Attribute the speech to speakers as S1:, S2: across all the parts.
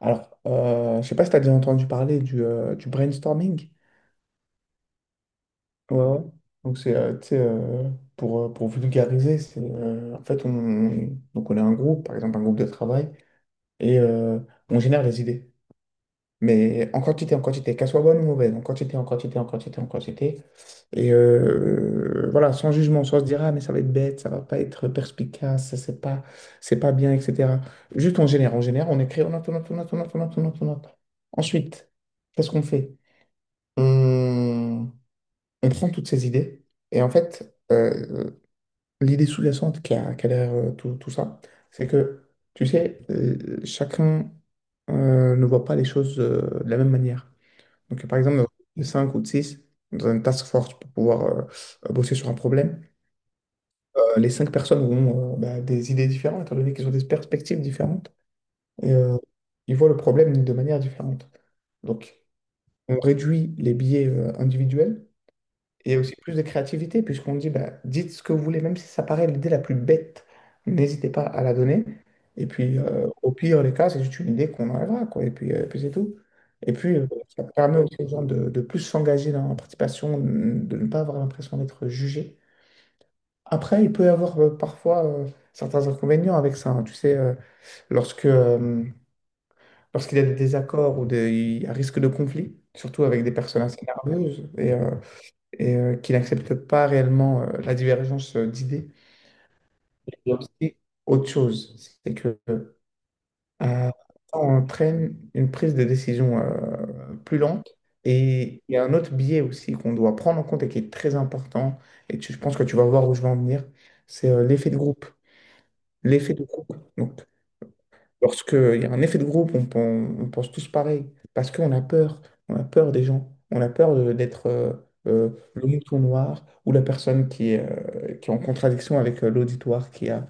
S1: Alors, je sais pas si tu as déjà entendu parler du brainstorming. Ouais, ouais. Donc, tu sais, pour vulgariser, en fait, donc on a un groupe, par exemple, un groupe de travail, et euh, on génère des idées. Mais en quantité, qu'elle soit bonne ou mauvaise, en quantité, en quantité, en quantité, en quantité. Voilà, sans jugement, sans se dire, ah, mais ça va être bête, ça va pas être perspicace, c'est pas bien, etc. Juste, on génère, on génère, on écrit, on note, on note, on note, on note, on note, on note, on note. Ensuite, qu'est-ce qu'on fait? On, on prend toutes ces idées, et en fait, l'idée sous-jacente qui a derrière tout, tout ça, c'est que, tu sais, chacun ne voit pas les choses de la même manière. Donc, par exemple, 5 ou 6 dans une task force pour pouvoir bosser sur un problème. Les 5 personnes ont bah, des idées différentes, étant donné qu'ils ont des perspectives différentes, et euh, ils voient le problème de manière différente. Donc, on réduit les biais individuels et aussi plus de créativité, puisqu'on dit, bah, dites ce que vous voulez, même si ça paraît l'idée la plus bête, n'hésitez pas à la donner. Et puis, au pire des cas, c'est juste une idée qu'on enlèvera, quoi. Et puis, puis c'est tout. Et puis, ça permet aussi aux gens de plus s'engager dans la participation, de ne pas avoir l'impression d'être jugé. Après, il peut y avoir parfois certains inconvénients avec ça, hein. Tu sais, lorsque, euh, lorsqu'il y a des désaccords il y a risque de conflit, surtout avec des personnes assez nerveuses. Et qu'il n'accepte pas réellement la divergence d'idées. Il y a aussi autre chose, c'est que euh, ça entraîne une prise de décision plus lente. Et il y a un autre biais aussi qu'on doit prendre en compte et qui est très important, et je pense que tu vas voir où je vais en venir, c'est l'effet de groupe. L'effet de groupe. Donc, lorsqu'il y a un effet de groupe, on pense tous pareil, parce qu'on a peur, on a peur des gens, on a peur d'être le mouton noir ou la personne qui est en contradiction avec l'auditoire qui a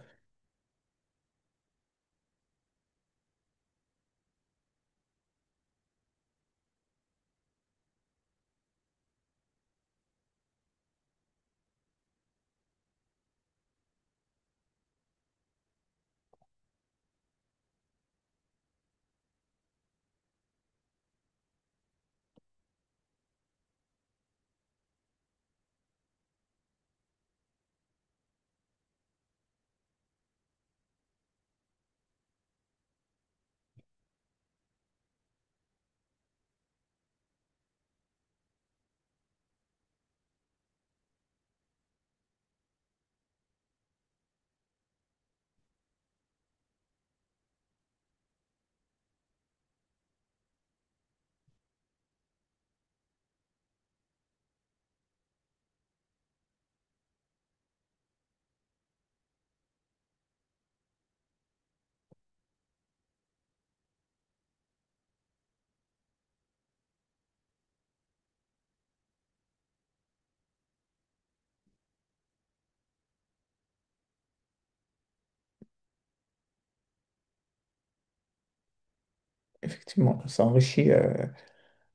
S1: effectivement, ça enrichit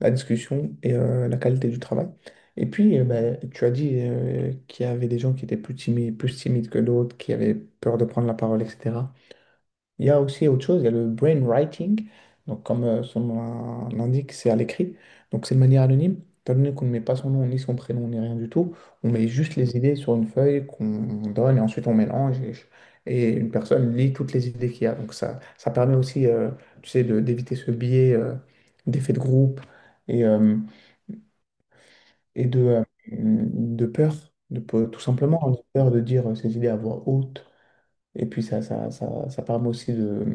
S1: la discussion et la qualité du travail. Et puis, ben, tu as dit qu'il y avait des gens qui étaient plus timides que d'autres, qui avaient peur de prendre la parole, etc. Il y a aussi autre chose, il y a le brainwriting. Donc, comme son nom l'indique, c'est à l'écrit. Donc, c'est de manière anonyme. Étant donné qu'on ne met pas son nom, ni son prénom, ni rien du tout, on met juste les idées sur une feuille qu'on donne et ensuite on mélange, et une personne lit toutes les idées qu'il y a. Donc, ça permet aussi, tu sais, d'éviter ce biais d'effet de groupe et, et de, euh, de peur, tout simplement, on a peur de dire ses idées à voix haute. Et puis ça permet aussi de,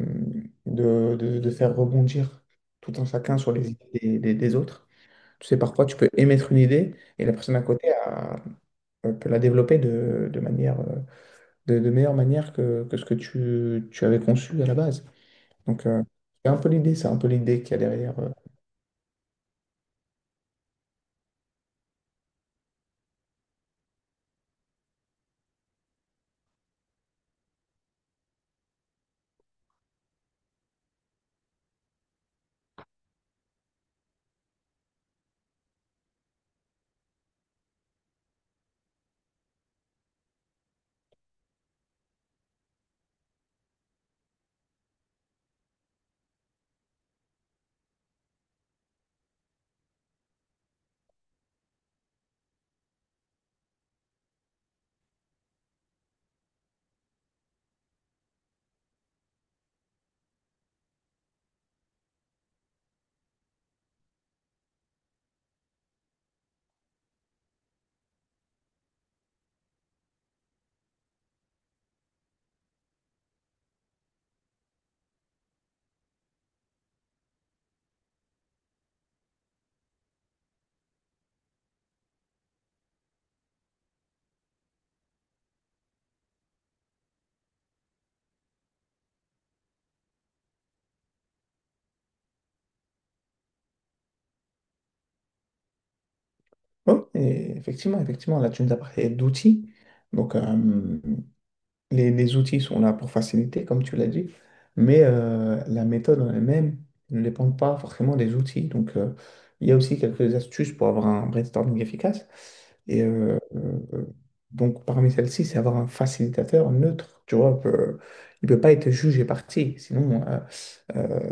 S1: de, de- de faire rebondir tout un chacun sur les idées des autres. Tu sais, parfois, tu peux émettre une idée et la personne à côté peut la développer de manière, de meilleure manière que ce que tu avais conçu à la base. Donc, c'est un peu l'idée, c'est un peu l'idée qu'il y a derrière. Oh, et effectivement, effectivement, là, tu nous as parlé d'outils. Donc, les outils sont là pour faciliter, comme tu l'as dit, mais la méthode en elle-même ne dépend pas forcément des outils. Donc, il y a aussi quelques astuces pour avoir un brainstorming efficace. Et euh, euh, donc, parmi celles-ci, c'est avoir un facilitateur neutre. Tu vois, il ne peut pas être juge et parti, sinon euh,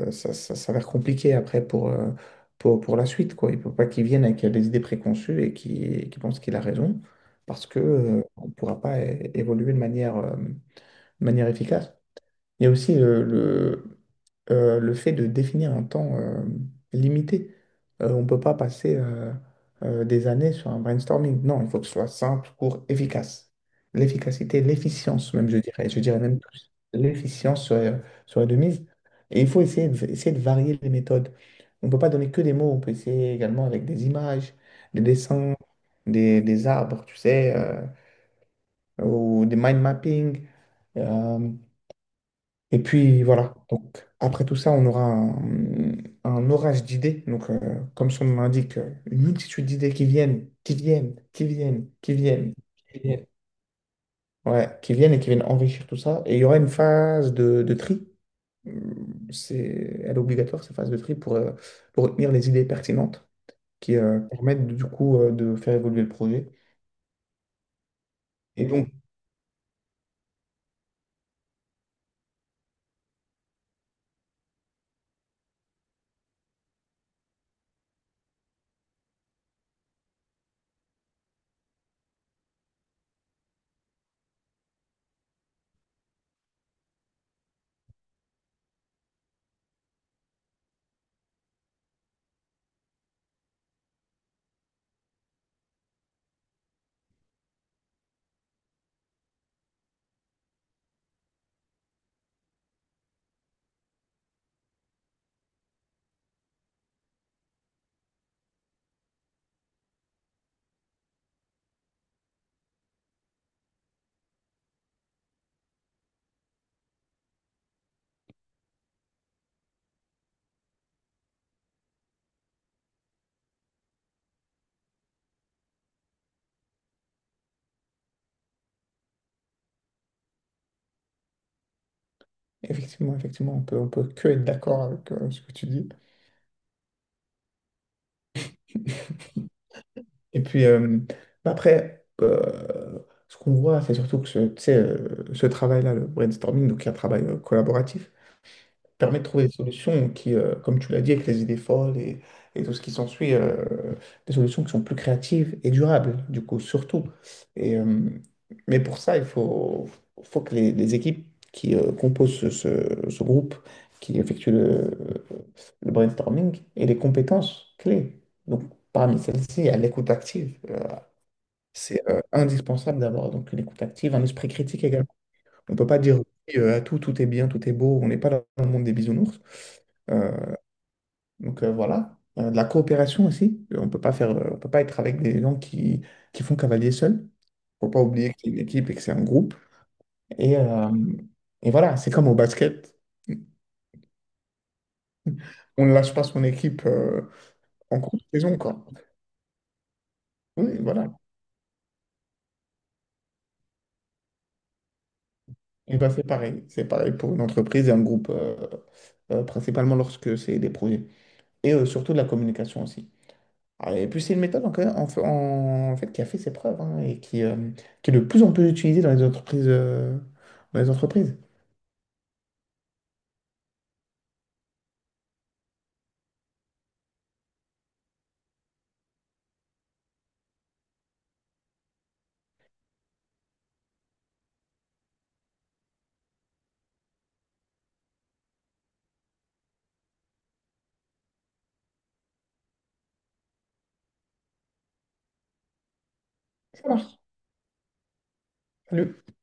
S1: euh, ça, ça s'avère compliqué après pour, pour la suite, quoi. Il ne peut pas qu'il vienne avec des idées préconçues et qu'il pense qu'il a raison, parce que on ne pourra pas évoluer de manière efficace. Il y a aussi le fait de définir un temps limité. On ne peut pas passer des années sur un brainstorming. Non, il faut que ce soit simple, court, efficace. L'efficacité, l'efficience même, je dirais. Je dirais même plus. L'efficience serait, serait de mise. Et il faut essayer essayer de varier les méthodes. On ne peut pas donner que des mots, on peut essayer également avec des images, des dessins, des arbres, tu sais, ou des mind mapping. Euh, et puis voilà, donc après tout ça, on aura un orage d'idées. Donc, comme son nom l'indique, une multitude d'idées qui viennent, qui viennent, qui viennent, qui viennent, qui viennent. Ouais, qui viennent et qui viennent enrichir tout ça. Et il y aura une phase de tri. C'est, elle est obligatoire, cette phase de tri, pour retenir les idées pertinentes qui permettent du coup de faire évoluer le projet. Et donc, effectivement, effectivement, on peut que être d'accord avec ce que tu dis. Et puis, bah après, ce qu'on voit, c'est surtout que ce, tu sais, ce travail-là, le brainstorming, donc un travail collaboratif, permet de trouver des solutions qui, comme tu l'as dit, avec les idées folles et tout ce qui s'ensuit, des solutions qui sont plus créatives et durables, du coup, surtout. Et, euh, mais pour ça, faut que les équipes qui composent ce groupe, qui effectuent le brainstorming, aient les compétences clés. Donc, parmi celles-ci, il y a l'écoute active. C'est indispensable d'avoir donc une écoute active, un esprit critique également. On ne peut pas dire oui, à tout, tout est bien, tout est beau, on n'est pas dans le monde des bisounours. Euh, voilà, de la coopération aussi. On peut pas faire, on peut pas être avec des gens qui font cavalier seul. Faut pas oublier que c'est une équipe et que c'est un groupe. Et, euh, et voilà, c'est comme au basket. On ne lâche pas son équipe en cours de saison, quoi. Oui, voilà. Et ben, c'est pareil. C'est pareil pour une entreprise et un groupe, principalement lorsque c'est des projets. Surtout de la communication aussi. Ah, et puis c'est une méthode en fait, qui a fait ses preuves hein, et qui est de plus en plus utilisée dans les entreprises, dans les entreprises. Ça marche. Salut.